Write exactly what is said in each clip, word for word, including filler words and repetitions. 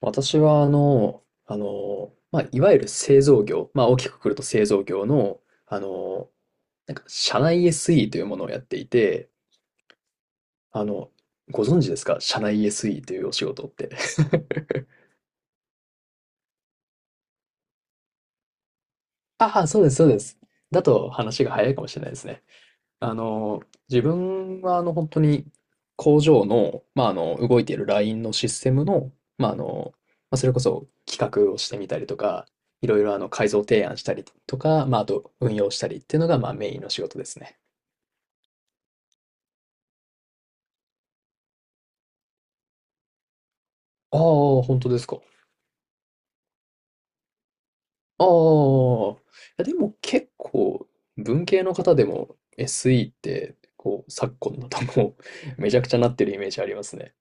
私は、あの、あの、まあ、いわゆる製造業、まあ、大きくくると製造業の、あの、なんか、社内 エスイー というものをやっていて、あの、ご存知ですか社内 エスイー というお仕事って。ああ、そうです、そうです。だと話が早いかもしれないですね。あの、自分はあの本当に工場の、まあ、あの動いているラインのシステムの、まあ、あの、まあ、それこそ企画をしてみたりとか、いろいろあの改造提案したりとか、まあ、あと運用したりっていうのがまあメインの仕事ですね。ああ、本当ですか。ああ、いやでも結構文系の方でも エスイー ってこう昨今だともう めちゃくちゃなってるイメージありますね。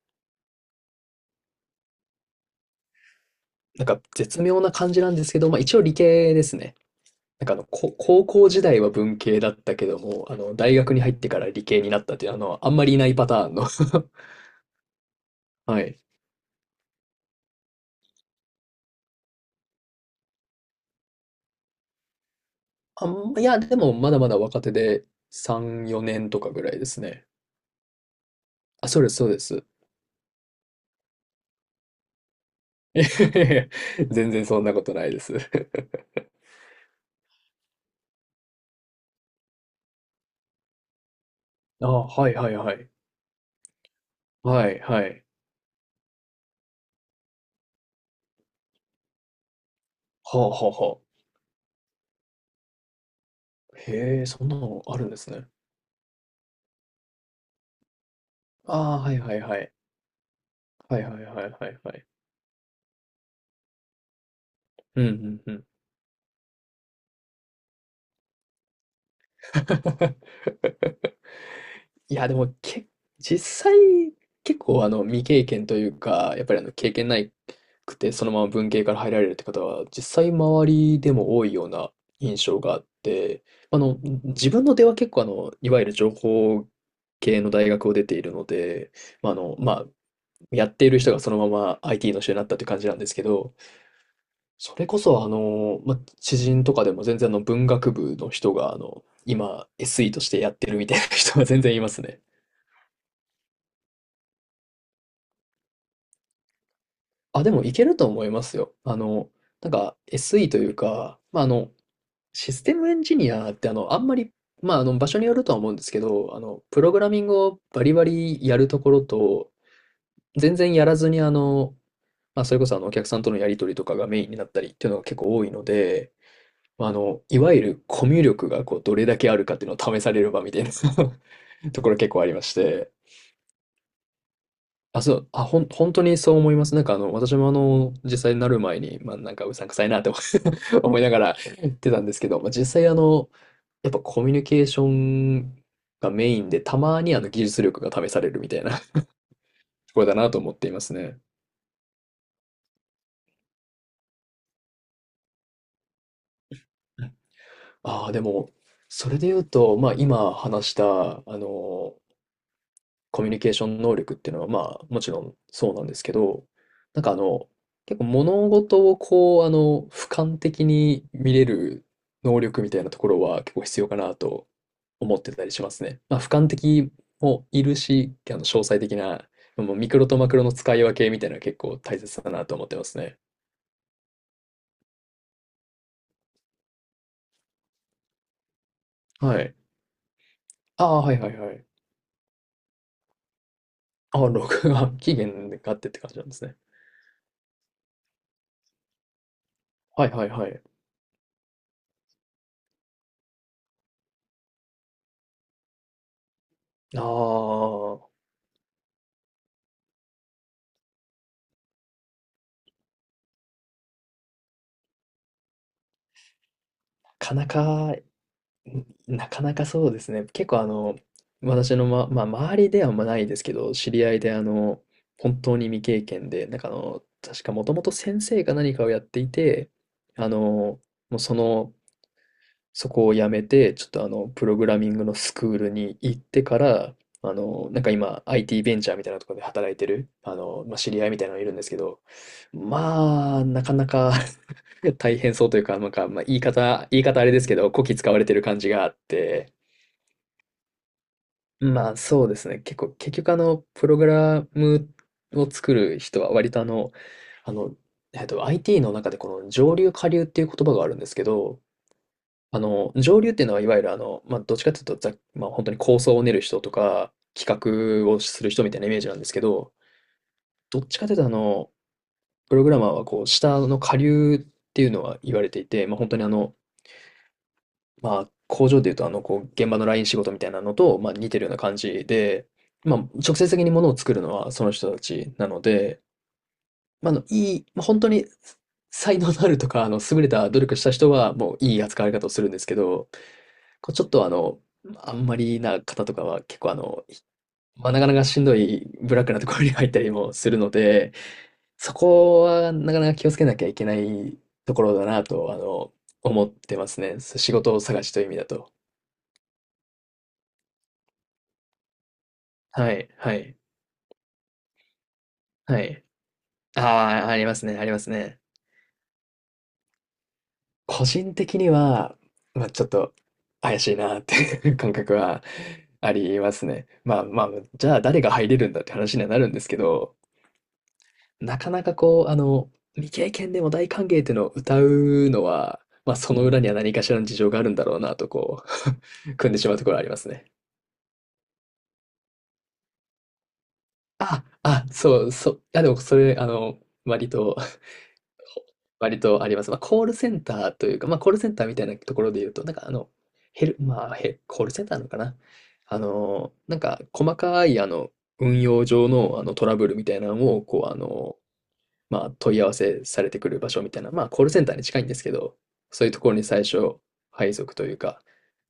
なんか絶妙な感じなんですけど、まあ一応理系ですね。なんかあの、こ、高校時代は文系だったけども、あの、大学に入ってから理系になったっていう、あの、あんまりいないパターンの はい。あん、いや、でもまだまだ若手でさん、よねんとかぐらいですね。あ、そうです、そうです。全然そんなことないです。あ、はいはいはい。はい、はい。はあ、はあ、はあ。へえ、そんなのあるんですね。ああ、はいはいはい。はいはいはいはいはい。うんうんうん。いや、でもけ、実際、結構あの未経験というか、やっぱりあの経験ないくて、そのまま文系から入られるって方は、実際周りでも多いような印象があって、あの、自分の出は結構あの、いわゆる情報系の大学を出ているので、まあ、あの、まあ、やっている人がそのまま アイティー の人になったって感じなんですけど、それこそあの、まあ、知人とかでも全然あの文学部の人があの、今 エスイー としてやってるみたいな人が全然いますね。あ、でもいけると思いますよ。あの、なんか エスイー というか、まあ、あの、システムエンジニアってあの、あんまり、まあ、あの、場所によるとは思うんですけど、あの、プログラミングをバリバリやるところと、全然やらずにあの、まあ、それこそあの、お客さんとのやり取りとかがメインになったりっていうのが結構多いので、まあ、あの、いわゆるコミュ力がこう、どれだけあるかっていうのを試される場みたいな ところ結構ありまして、あ、そう、あ、ほん、本当にそう思います。なんかあの、私もあの、実際になる前に、まあなんかうさんくさいなって 思いながら言ってたんですけど、まあ実際あの、やっぱコミュニケーションがメインで、たまにあの技術力が試されるみたいな ところだなと思っていますね。ああ、でも、それで言うと、まあ今話した、あの、コミュニケーション能力っていうのは、まあ、もちろんそうなんですけど、なんかあの、結構物事をこう、あの、俯瞰的に見れる能力みたいなところは結構必要かなと思ってたりしますね。まあ、俯瞰的もいるし、あの、詳細的な、もうミクロとマクロの使い分けみたいなの結構大切だなと思ってますね。はい。ああ、はいはいはい。ああ、録画、期限があってって感じなんですね。はいはいはい。ああ、なかなかなかなかそうですね。結構あの、私のま、まあ、周りではまあないですけど、知り合いであの、本当に未経験で、なんかあの、確かもともと先生が何かをやっていて、あの、もうその、そこを辞めて、ちょっとあの、プログラミングのスクールに行ってから、あの、なんか今、アイティー ベンチャーみたいなところで働いてる、あの、まあ、知り合いみたいなのがいるんですけど、まあ、なかなか 大変そうというか、なんか、まあ、言い方、言い方あれですけど、こき使われてる感じがあって、まあそうですね。結構、結局あの、プログラムを作る人は割とあの、あの、えっと、アイティー の中でこの上流下流っていう言葉があるんですけど、あの、上流っていうのはいわゆるあの、まあどっちかっていうとざっ、まあ本当に構想を練る人とか、企画をする人みたいなイメージなんですけど、どっちかっていうとあの、プログラマーはこう、下の下流っていうのは言われていて、まあ本当にあの、まあ、工場でいうと、あの、こう、現場のライン仕事みたいなのと、まあ、似てるような感じで、まあ、直接的にものを作るのはその人たちなので、まあ、あの、いい、まあ、本当に才能のあるとか、あの、優れた努力した人は、もういい扱われ方をするんですけど、こうちょっとあの、あんまりな方とかは結構あの、まあ、なかなかしんどいブラックなところに入ったりもするので、そこはなかなか気をつけなきゃいけないところだなと、あの、思ってますね。仕事を探しという意味だと。はい、はい。はい。ああ、ありますね、ありますね。個人的には、まあ、ちょっと怪しいなっていう 感覚はありますね。まあまあ、じゃあ誰が入れるんだって話にはなるんですけど、なかなかこう、あの、未経験でも大歓迎っていうのを歌うのは、まあその裏には何かしらの事情があるんだろうなとこう、組んでしまうところはありますね。あ、あ、そう、そう、いやでもそれ、あの、割と割とあります。まあ、コールセンターというか、まあ、コールセンターみたいなところで言うと、なんかあの、ヘル、まあ、ヘ、コールセンターなのかな。あの、なんか、細かい、あの、運用上の、あの、トラブルみたいなのを、こう、あの、まあ、問い合わせされてくる場所みたいな、まあ、コールセンターに近いんですけど、そういうところに最初、配属というか、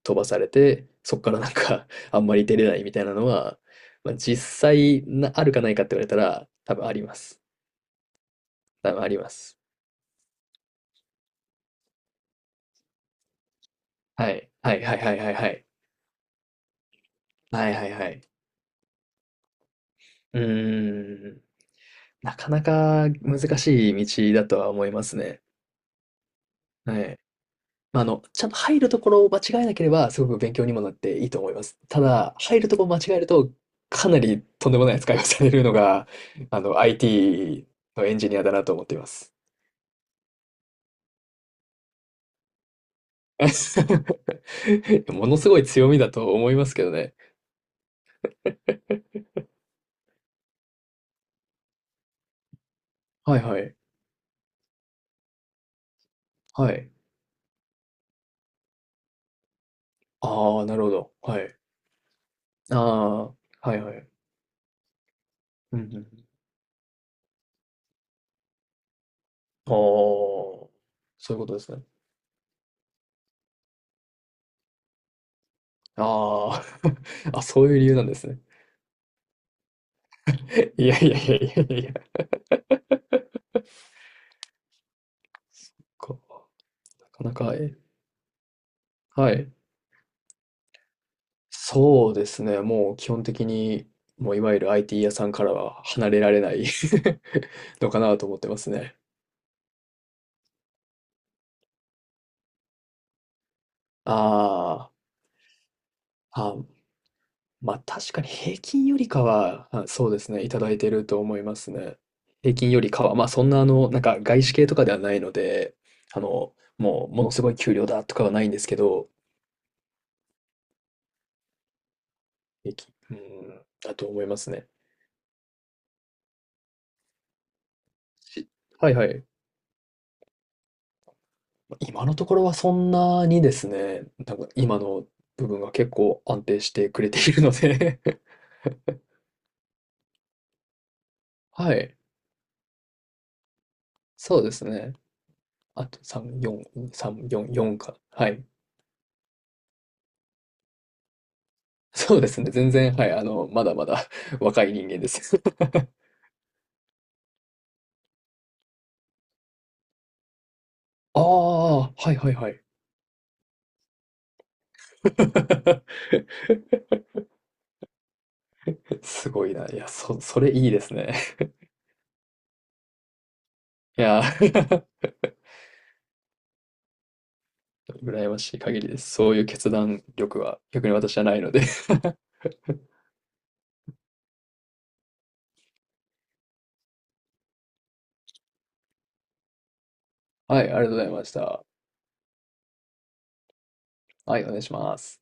飛ばされて、そこからなんか あんまり出れないみたいなのは、まあ、実際な、あるかないかって言われたら、多分あります。多分あります。はい。はいはいはいはいはい。はいはいはい。うーん。なかなか難しい道だとは思いますね。はい。まあ、あの、ちゃんと入るところを間違えなければ、すごく勉強にもなっていいと思います。ただ、入るところを間違えると、かなりとんでもない扱いをされるのが、あの、アイティー のエンジニアだなと思っています。ものすごい強みだと思いますけどね。はいはい。はい。ああ、なるほど。はい。ああ、はいはい。うんうんうん。ああ、そういうことですね。ああ、あ、そういう理由なんですね。いやいやいやいやいやこう、なかなか、え、はい。そうですね、もう基本的に、もういわゆる アイティー 屋さんからは離れられない のかなと思ってますね。ああ、あ、まあ確かに平均よりかは、あ、そうですね、いただいてると思いますね。平均よりかは、まあそんなあの、なんか外資系とかではないので、あの、もうものすごい給料だとかはないんですけど、平均、うん、だと思いますね。し、はいはい。今のところはそんなにですね、なんか今の部分が結構安定してくれているので はい。そうですね。あとさん、よん、さん、よん、よんか。はい。そうですね。全然、はい。あの、まだまだ 若い人間です ああ、はいはいはい。すごいな。いや、そ、それいいですね。いや、羨ましい限りです。そういう決断力は逆に私はないので はい、ありがとうございました。はい、お願いします。